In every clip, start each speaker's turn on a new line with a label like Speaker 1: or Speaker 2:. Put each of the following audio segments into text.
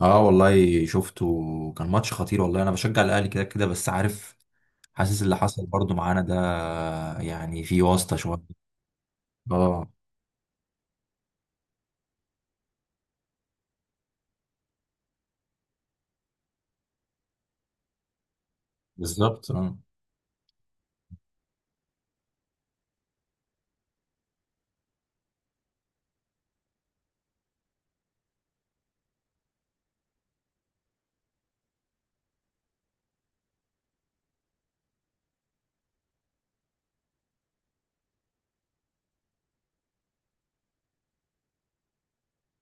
Speaker 1: اه، والله شفته. كان ماتش خطير والله. انا بشجع الاهلي كده كده بس عارف، حاسس اللي حصل برضو معانا ده. يعني في واسطة شوية. اه، بالظبط اه.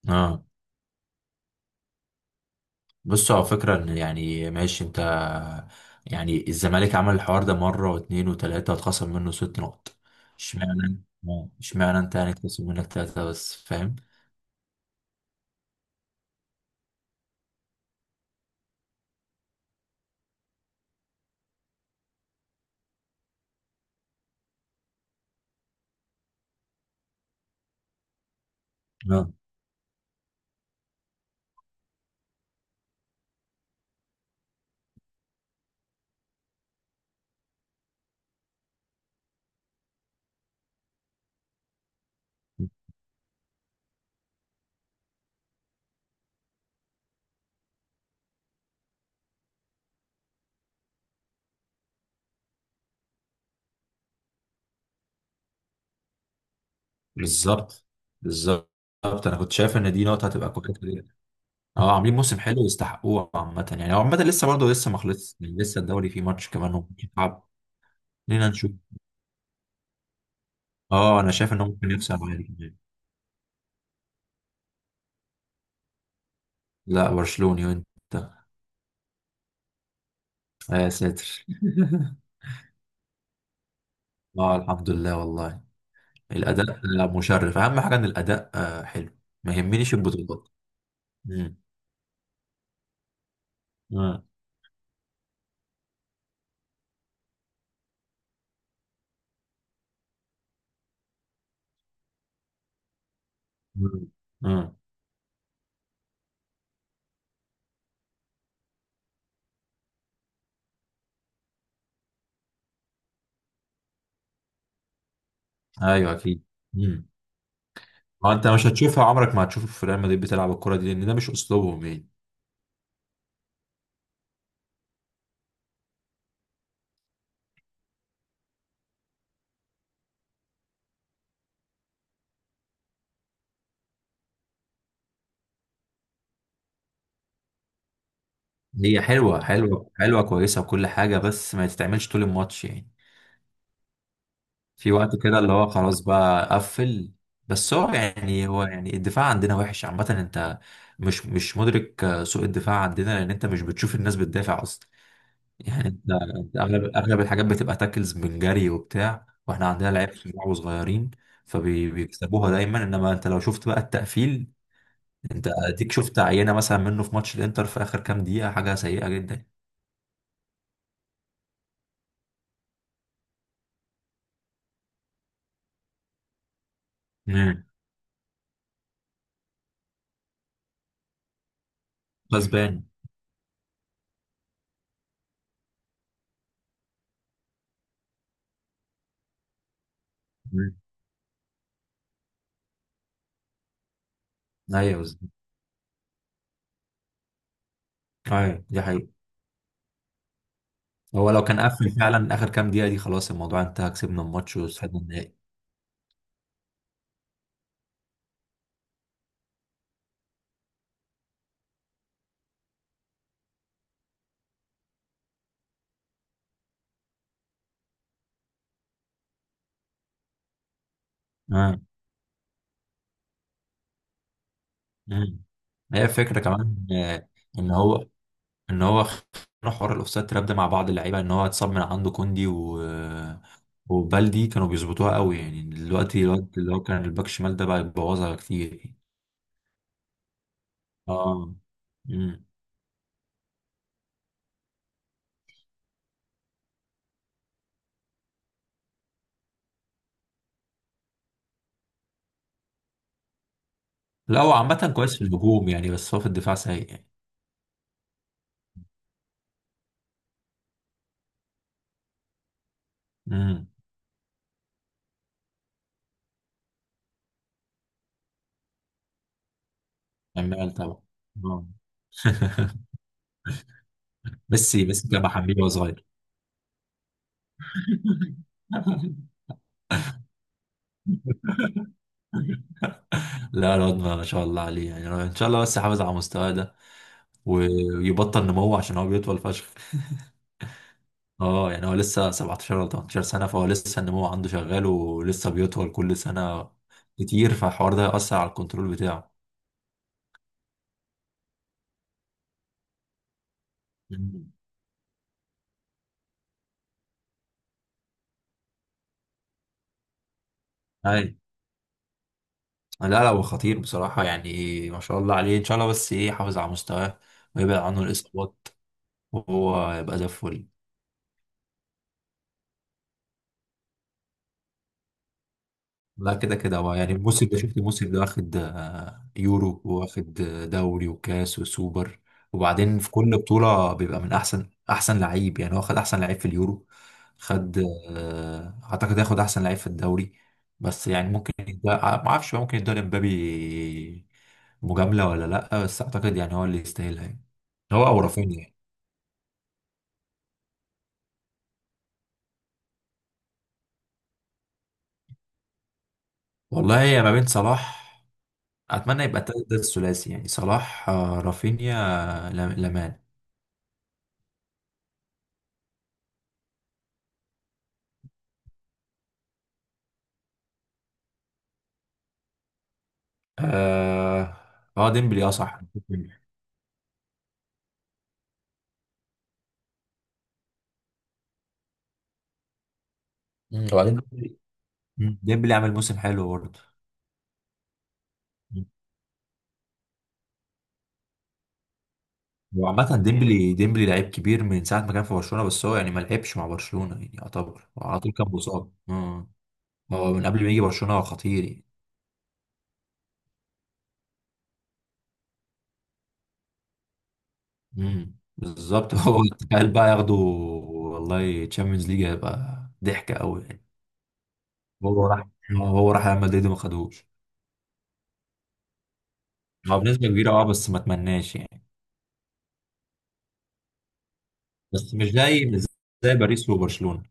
Speaker 1: اه، بص على فكرة، ان يعني ماشي انت، يعني الزمالك عمل الحوار ده مرة واتنين وتلاتة واتخصم منه ست نقط. اشمعنى؟ اه، اشمعنى انت يعني اتخصم منك تلاتة بس، فاهم؟ اه، بالظبط بالظبط. انا كنت شايف ان دي نقطة هتبقى كويسة. اه، عاملين موسم حلو يستحقوه عامة، يعني هو عامة لسه برضه لسه ما خلصش يعني، لسه الدوري فيه ماتش كمان وممكن يلعب. لينا نشوف. اه، انا شايف انه ممكن يكسب عادي كمان. لا، برشلوني. وانت؟ يا ساتر. اه، الحمد لله والله. الاداء لا، مشرف، اهم حاجة ان الاداء حلو. ما يهمنيش البطولات. مم. مم. مم. مم. ايوه اكيد. مم. اه، انت مش هتشوفها، عمرك ما هتشوف في ريال مدريد بتلعب الكرة دي لان ده مش اسلوبهم يعني. هي حلوه حلوه حلوه كويسه وكل حاجه، بس ما تتعملش طول الماتش يعني. في وقت كده اللي هو خلاص بقى قفل. بس هو يعني الدفاع عندنا وحش عامه. انت مش مدرك سوء الدفاع عندنا، لان انت مش بتشوف الناس بتدافع اصلا. يعني انت، أنت اغلب الحاجات بتبقى تاكلز من جري وبتاع، واحنا عندنا لعيبه صغار وصغيرين فبيكسبوها دايما. انما انت لو شفت بقى التقفيل، انت اديك شفت عينه مثلا منه في ماتش الانتر في اخر كام دقيقه، حاجه سيئه جدا. مم. غصبان. مم. ايوه بالظبط. ايوه دي حقيقة. هو لو كان قفل فعلا اخر كام دقيقة دي خلاص الموضوع انتهى، كسبنا الماتش وصعدنا النهائي. آه. مم. هي الفكرة كمان ان هو ان هو خ- حوار الاوفسايد تراب ده مع بعض اللعيبة ان هو اتصاب من عنده كوندي و... وبالدي كانوا بيظبطوها قوي يعني. دلوقتي الواد اللي هو كان الباك شمال ده بقى يبوظها كتير يعني. اه. مم. لا هو عامة كويس في الهجوم يعني، بس هو في الدفاع سيء يعني. امم. عمال طبعا. آه. ميسي ميسي جاب حبيبي وهو صغير. لا، الواد ما شاء الله عليه. يعني أنا ان شاء الله بس يحافظ على مستواه ده ويبطل نمو عشان هو بيطول فشخ. اه يعني هو لسه 17 ولا 18 سنة، فهو لسه النمو عنده شغال ولسه بيطول كل سنة كتير، فالحوار ده هيأثر على الكنترول بتاعه. مم. اي. لا لا، هو خطير بصراحة يعني، ما شاء الله عليه. ان شاء الله بس ايه يحافظ على مستواه ويبعد عنه الإصابات وهو يبقى زي الفل. لا كده كده هو يعني، الموسم ده شفت الموسم ده واخد يورو، واخد دوري وكاس وسوبر. وبعدين في كل بطولة بيبقى من أحسن أحسن لعيب يعني. هو خد أحسن لعيب في اليورو، خد، أعتقد ياخد أحسن لعيب في الدوري. بس يعني ممكن يدى ما أعرفش بقى، ممكن يدى لمبابي مجاملة ولا لأ، بس أعتقد يعني هو اللي يستاهلها يعني، هو أو رافينيا يعني. والله هي ما بين صلاح، أتمنى يبقى ده الثلاثي يعني، صلاح رافينيا، لامان. اه ديمبلي. اه صح ديمبلي. مم، وبعدين ديمبلي. مم. ديمبلي عامل موسم حلو برضه. وعامة. مم. وعامة ديمبلي ديمبلي لعيب كبير من ساعة ما كان في برشلونة، بس هو يعني ما لعبش مع برشلونة، يعني يعتبر هو على طول كان مصاب. هو من قبل ما يجي برشلونة هو خطير يعني. مم. بالظبط. هو تخيل بقى ياخده والله تشامبيونز ليج، هيبقى ضحكة قوي يعني. هو راح هو راح ريال مدريد وما خدهوش. هو بنسبة كبيرة اه، بس ما اتمناش يعني. بس مش زي باريس وبرشلونة.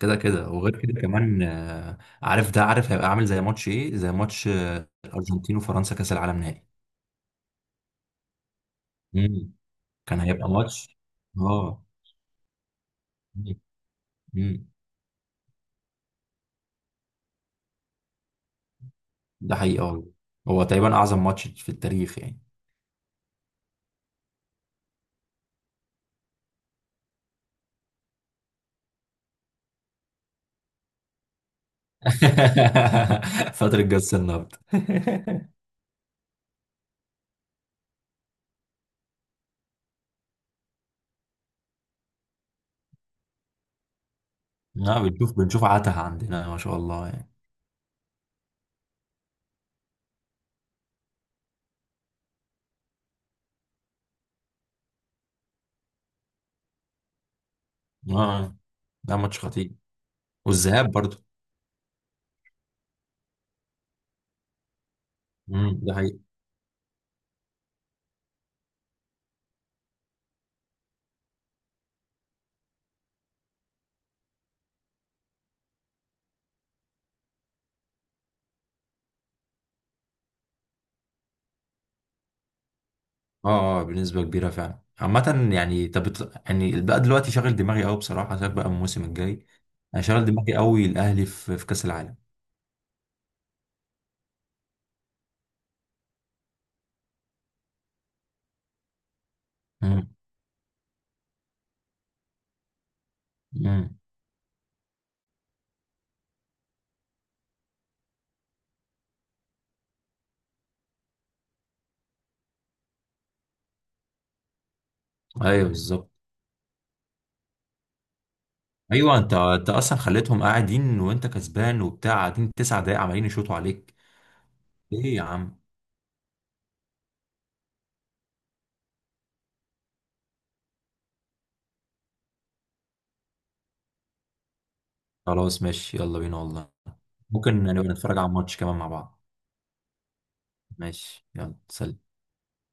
Speaker 1: كده كده وغير كده كمان عارف، ده عارف هيبقى عامل زي ماتش ايه زي ماتش الارجنتين وفرنسا، كاس العالم نهائي. مم. كان هيبقى ماتش. اه. مم. مم. ده حقيقي اه. هو تقريبا اعظم ماتش في التاريخ يعني. فترة جس النبض. لا، بنشوف عتها عندنا ما شاء الله يعني. اه ده ماتش خطير. والذهاب برضه. مم. ده حقيقي اه. اه بنسبة كبيرة فعلا عامة يعني. طب يعني البقى دلوقتي شاغل دماغي قوي بصراحة، سيبك بقى من الموسم الجاي. انا شاغل دماغي قوي الاهلي في كأس العالم. امم. امم. ايوه بالظبط. ايوه، انت اصلا خليتهم قاعدين، وانت كسبان وبتاع قاعدين تسع دقايق عمالين يشوطوا عليك. ايه يا عم. خلاص ماشي يلا بينا والله. ممكن نبقى نتفرج على الماتش كمان مع بعض. ماشي يلا سلام.